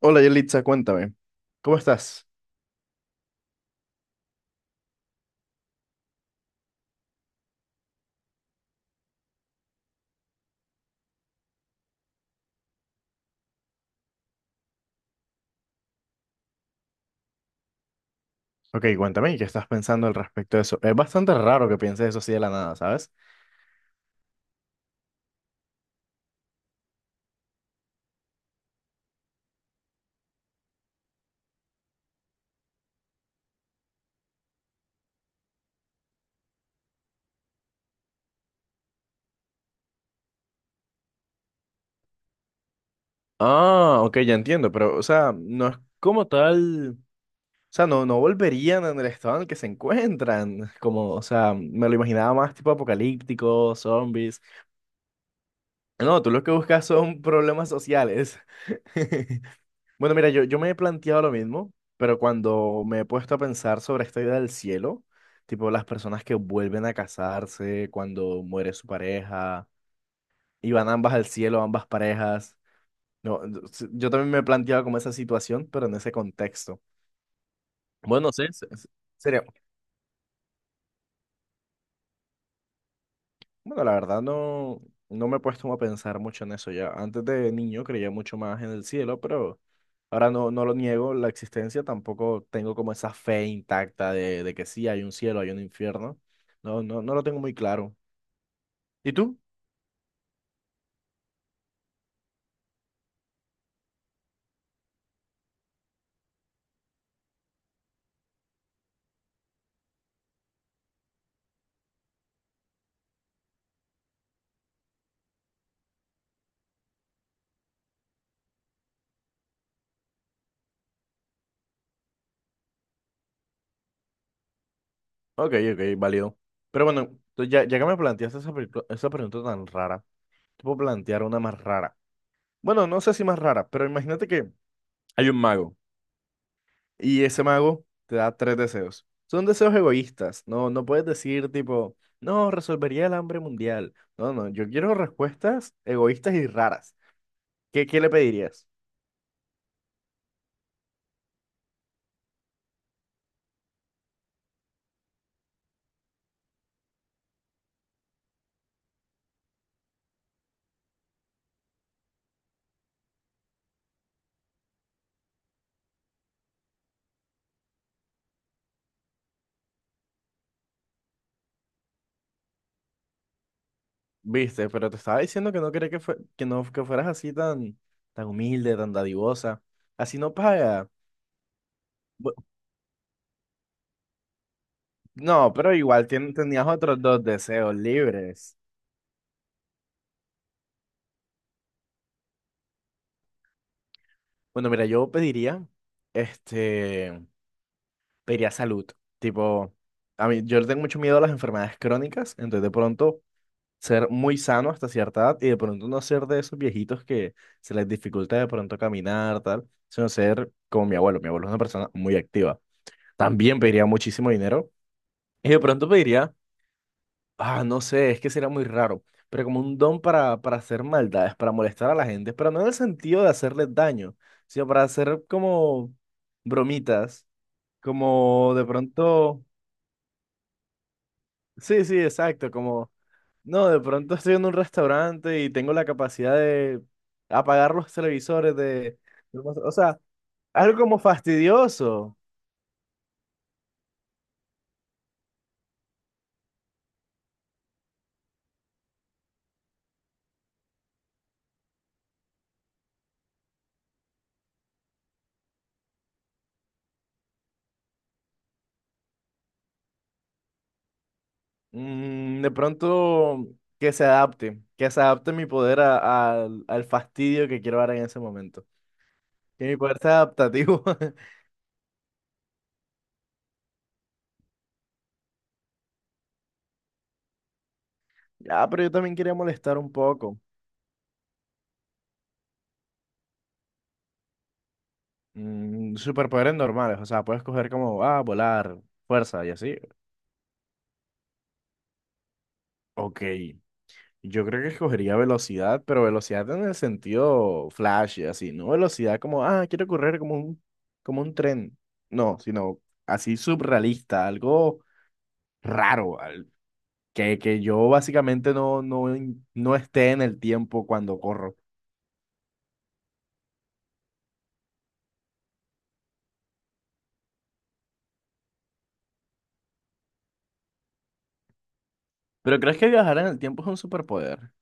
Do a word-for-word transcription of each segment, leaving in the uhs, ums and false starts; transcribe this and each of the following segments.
Hola Yelitza, cuéntame, ¿cómo estás? Ok, cuéntame, ¿y ¿qué estás pensando al respecto de eso? Es bastante raro que pienses eso así de la nada, ¿sabes? Ah, ok, ya entiendo, pero, o sea, no es como tal, o sea, no, no volverían en el estado en el que se encuentran, como, o sea, me lo imaginaba más tipo apocalíptico, zombies. No, tú lo que buscas son problemas sociales. Bueno, mira, yo, yo me he planteado lo mismo, pero cuando me he puesto a pensar sobre esta idea del cielo, tipo las personas que vuelven a casarse cuando muere su pareja y van ambas al cielo, ambas parejas. No, no, s- yo también me he planteado como esa situación, pero en ese contexto. Bueno, no sé, se- se- sería. Bueno, la verdad no, no me he puesto a pensar mucho en eso ya. Antes de niño creía mucho más en el cielo, pero ahora no, no lo niego la existencia, tampoco tengo como esa fe intacta de, de que sí hay un cielo, hay un infierno. No, no, no lo tengo muy claro. ¿Y tú? Ok, ok, válido. Pero bueno, entonces ya, ya que me planteaste esa, periclo- esa pregunta tan rara, te puedo plantear una más rara. Bueno, no sé si más rara, pero imagínate que hay un mago. Y ese mago te da tres deseos. Son deseos egoístas. No, no puedes decir tipo, no, resolvería el hambre mundial. No, no, yo quiero respuestas egoístas y raras. ¿Qué, qué le pedirías? Viste, pero te estaba diciendo que no quería que, fue- que no que fueras así tan, tan humilde, tan dadivosa. Así no paga. Bu- No, pero igual tien- tenías otros dos deseos libres. Bueno, mira, yo pediría, este, pediría salud. Tipo, a mí, yo le tengo mucho miedo a las enfermedades crónicas, entonces de pronto ser muy sano hasta cierta edad y de pronto no ser de esos viejitos que se les dificulta de pronto caminar, tal, sino ser como mi abuelo. Mi abuelo es una persona muy activa. También pediría muchísimo dinero y de pronto pediría, ah, no sé, es que sería muy raro, pero como un don para, para hacer maldades, para molestar a la gente, pero no en el sentido de hacerles daño, sino para hacer como bromitas, como de pronto... Sí, sí, exacto, como, no, de pronto estoy en un restaurante y tengo la capacidad de apagar los televisores de, o sea, algo como fastidioso. Mm, de pronto que se adapte, que se adapte mi poder a- a- al al fastidio que quiero dar en ese momento, que mi poder sea adaptativo. Ah, pero yo también quería molestar un poco. Mm, superpoderes normales, o sea, puedes coger como, ah, volar, fuerza y así. Ok. Yo creo que escogería velocidad, pero velocidad en el sentido flash, así, no velocidad como, ah, quiero correr como un, como un tren. No, sino así surrealista, algo raro, al- que, que yo básicamente no, no, en- no esté en el tiempo cuando corro. ¿Pero crees que viajar en el tiempo es un superpoder?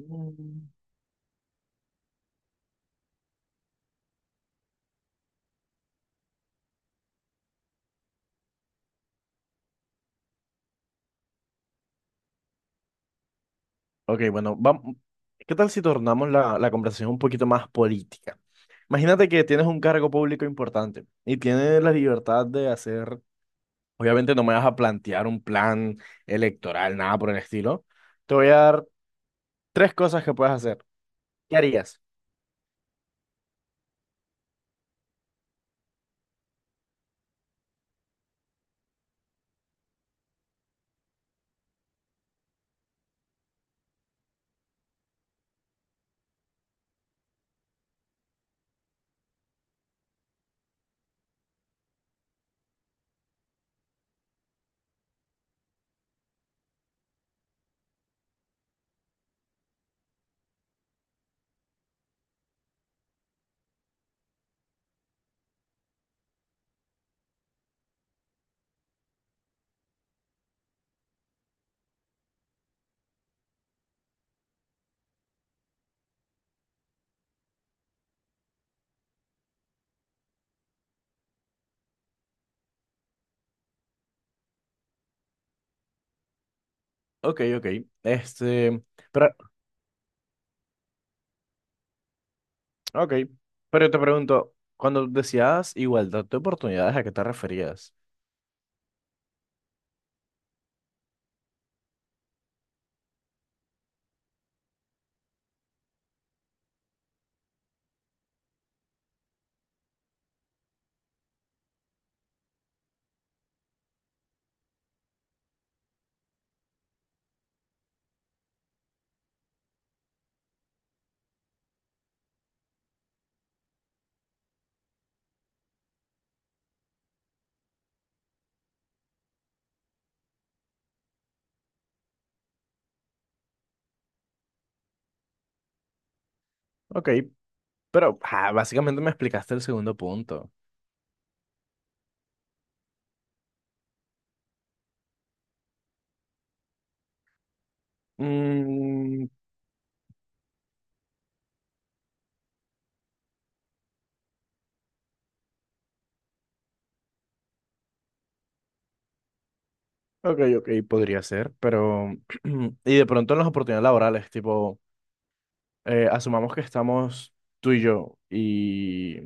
Mm. Ok, bueno, vamos. ¿Qué tal si tornamos la, la conversación un poquito más política? Imagínate que tienes un cargo público importante y tienes la libertad de hacer. Obviamente no me vas a plantear un plan electoral, nada por el estilo. Te voy a dar tres cosas que puedes hacer. ¿Qué harías? Ok, ok. Este, pero, ok. Pero te pregunto, cuando decías igualdad de oportunidades, ¿a qué te referías? Ok, pero ah, básicamente me explicaste el segundo punto. Mm, ok, ok, podría ser, pero... Y de pronto en las oportunidades laborales, tipo, eh, asumamos que estamos tú y yo y.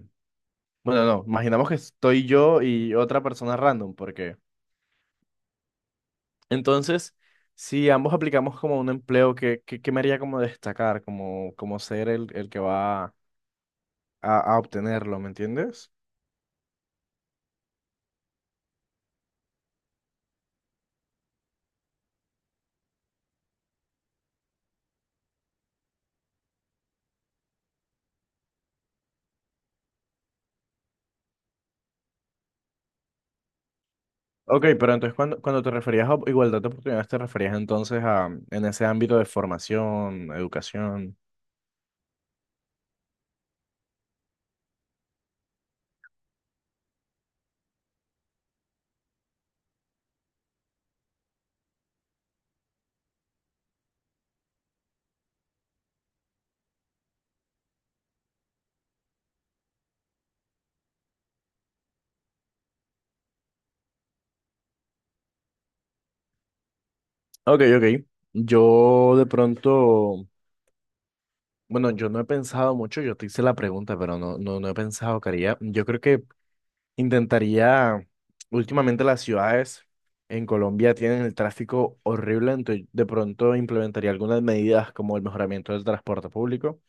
Bueno, no, no, imaginamos que estoy yo y otra persona random, porque entonces, si ambos aplicamos como un empleo, ¿qué, qué, qué me haría como destacar, como, como ser el, el que va a, a obtenerlo, ¿me entiendes? Ok, pero entonces cuando, cuando te referías a op- igualdad de oportunidades, te referías entonces a en ese ámbito de formación, educación. Ok, ok. Yo de pronto, bueno, yo no he pensado mucho, yo te hice la pregunta, pero no, no, no he pensado, Caría. Yo creo que intentaría, últimamente las ciudades en Colombia tienen el tráfico horrible, entonces de pronto implementaría algunas medidas como el mejoramiento del transporte público,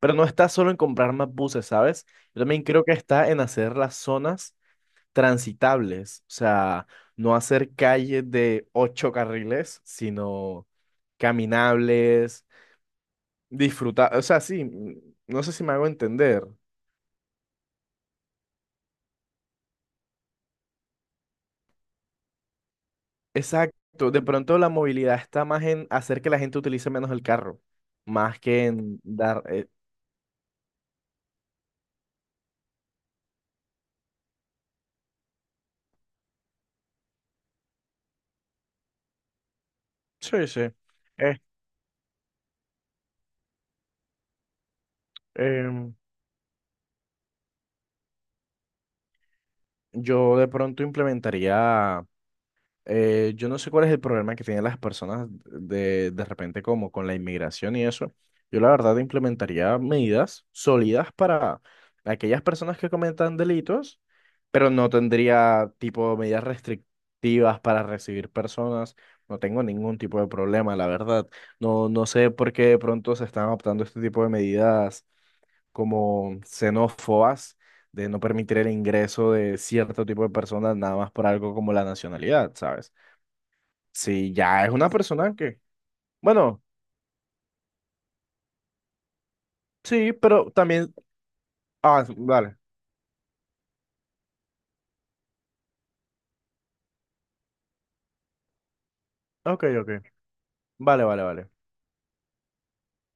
pero no está solo en comprar más buses, ¿sabes? Yo también creo que está en hacer las zonas transitables, o sea, no hacer calles de ocho carriles, sino caminables, disfrutar, o sea, sí, mm, no sé si me hago entender. Exacto, de pronto la movilidad está más en hacer que la gente utilice menos el carro, más que en dar... eh, sí, sí. Eh, em, yo de pronto implementaría. Eh, yo no sé cuál es el problema que tienen las personas de, de repente como con la inmigración y eso. Yo la verdad implementaría medidas sólidas para aquellas personas que cometan delitos, pero no tendría tipo medidas restrictivas para recibir personas. No tengo ningún tipo de problema, la verdad. No, no sé por qué de pronto se están adoptando este tipo de medidas como xenófobas de no permitir el ingreso de cierto tipo de personas nada más por algo como la nacionalidad, ¿sabes? Sí, ya es una persona que. Bueno, sí, pero también. Ah, vale. Ok, ok. Vale, vale, vale.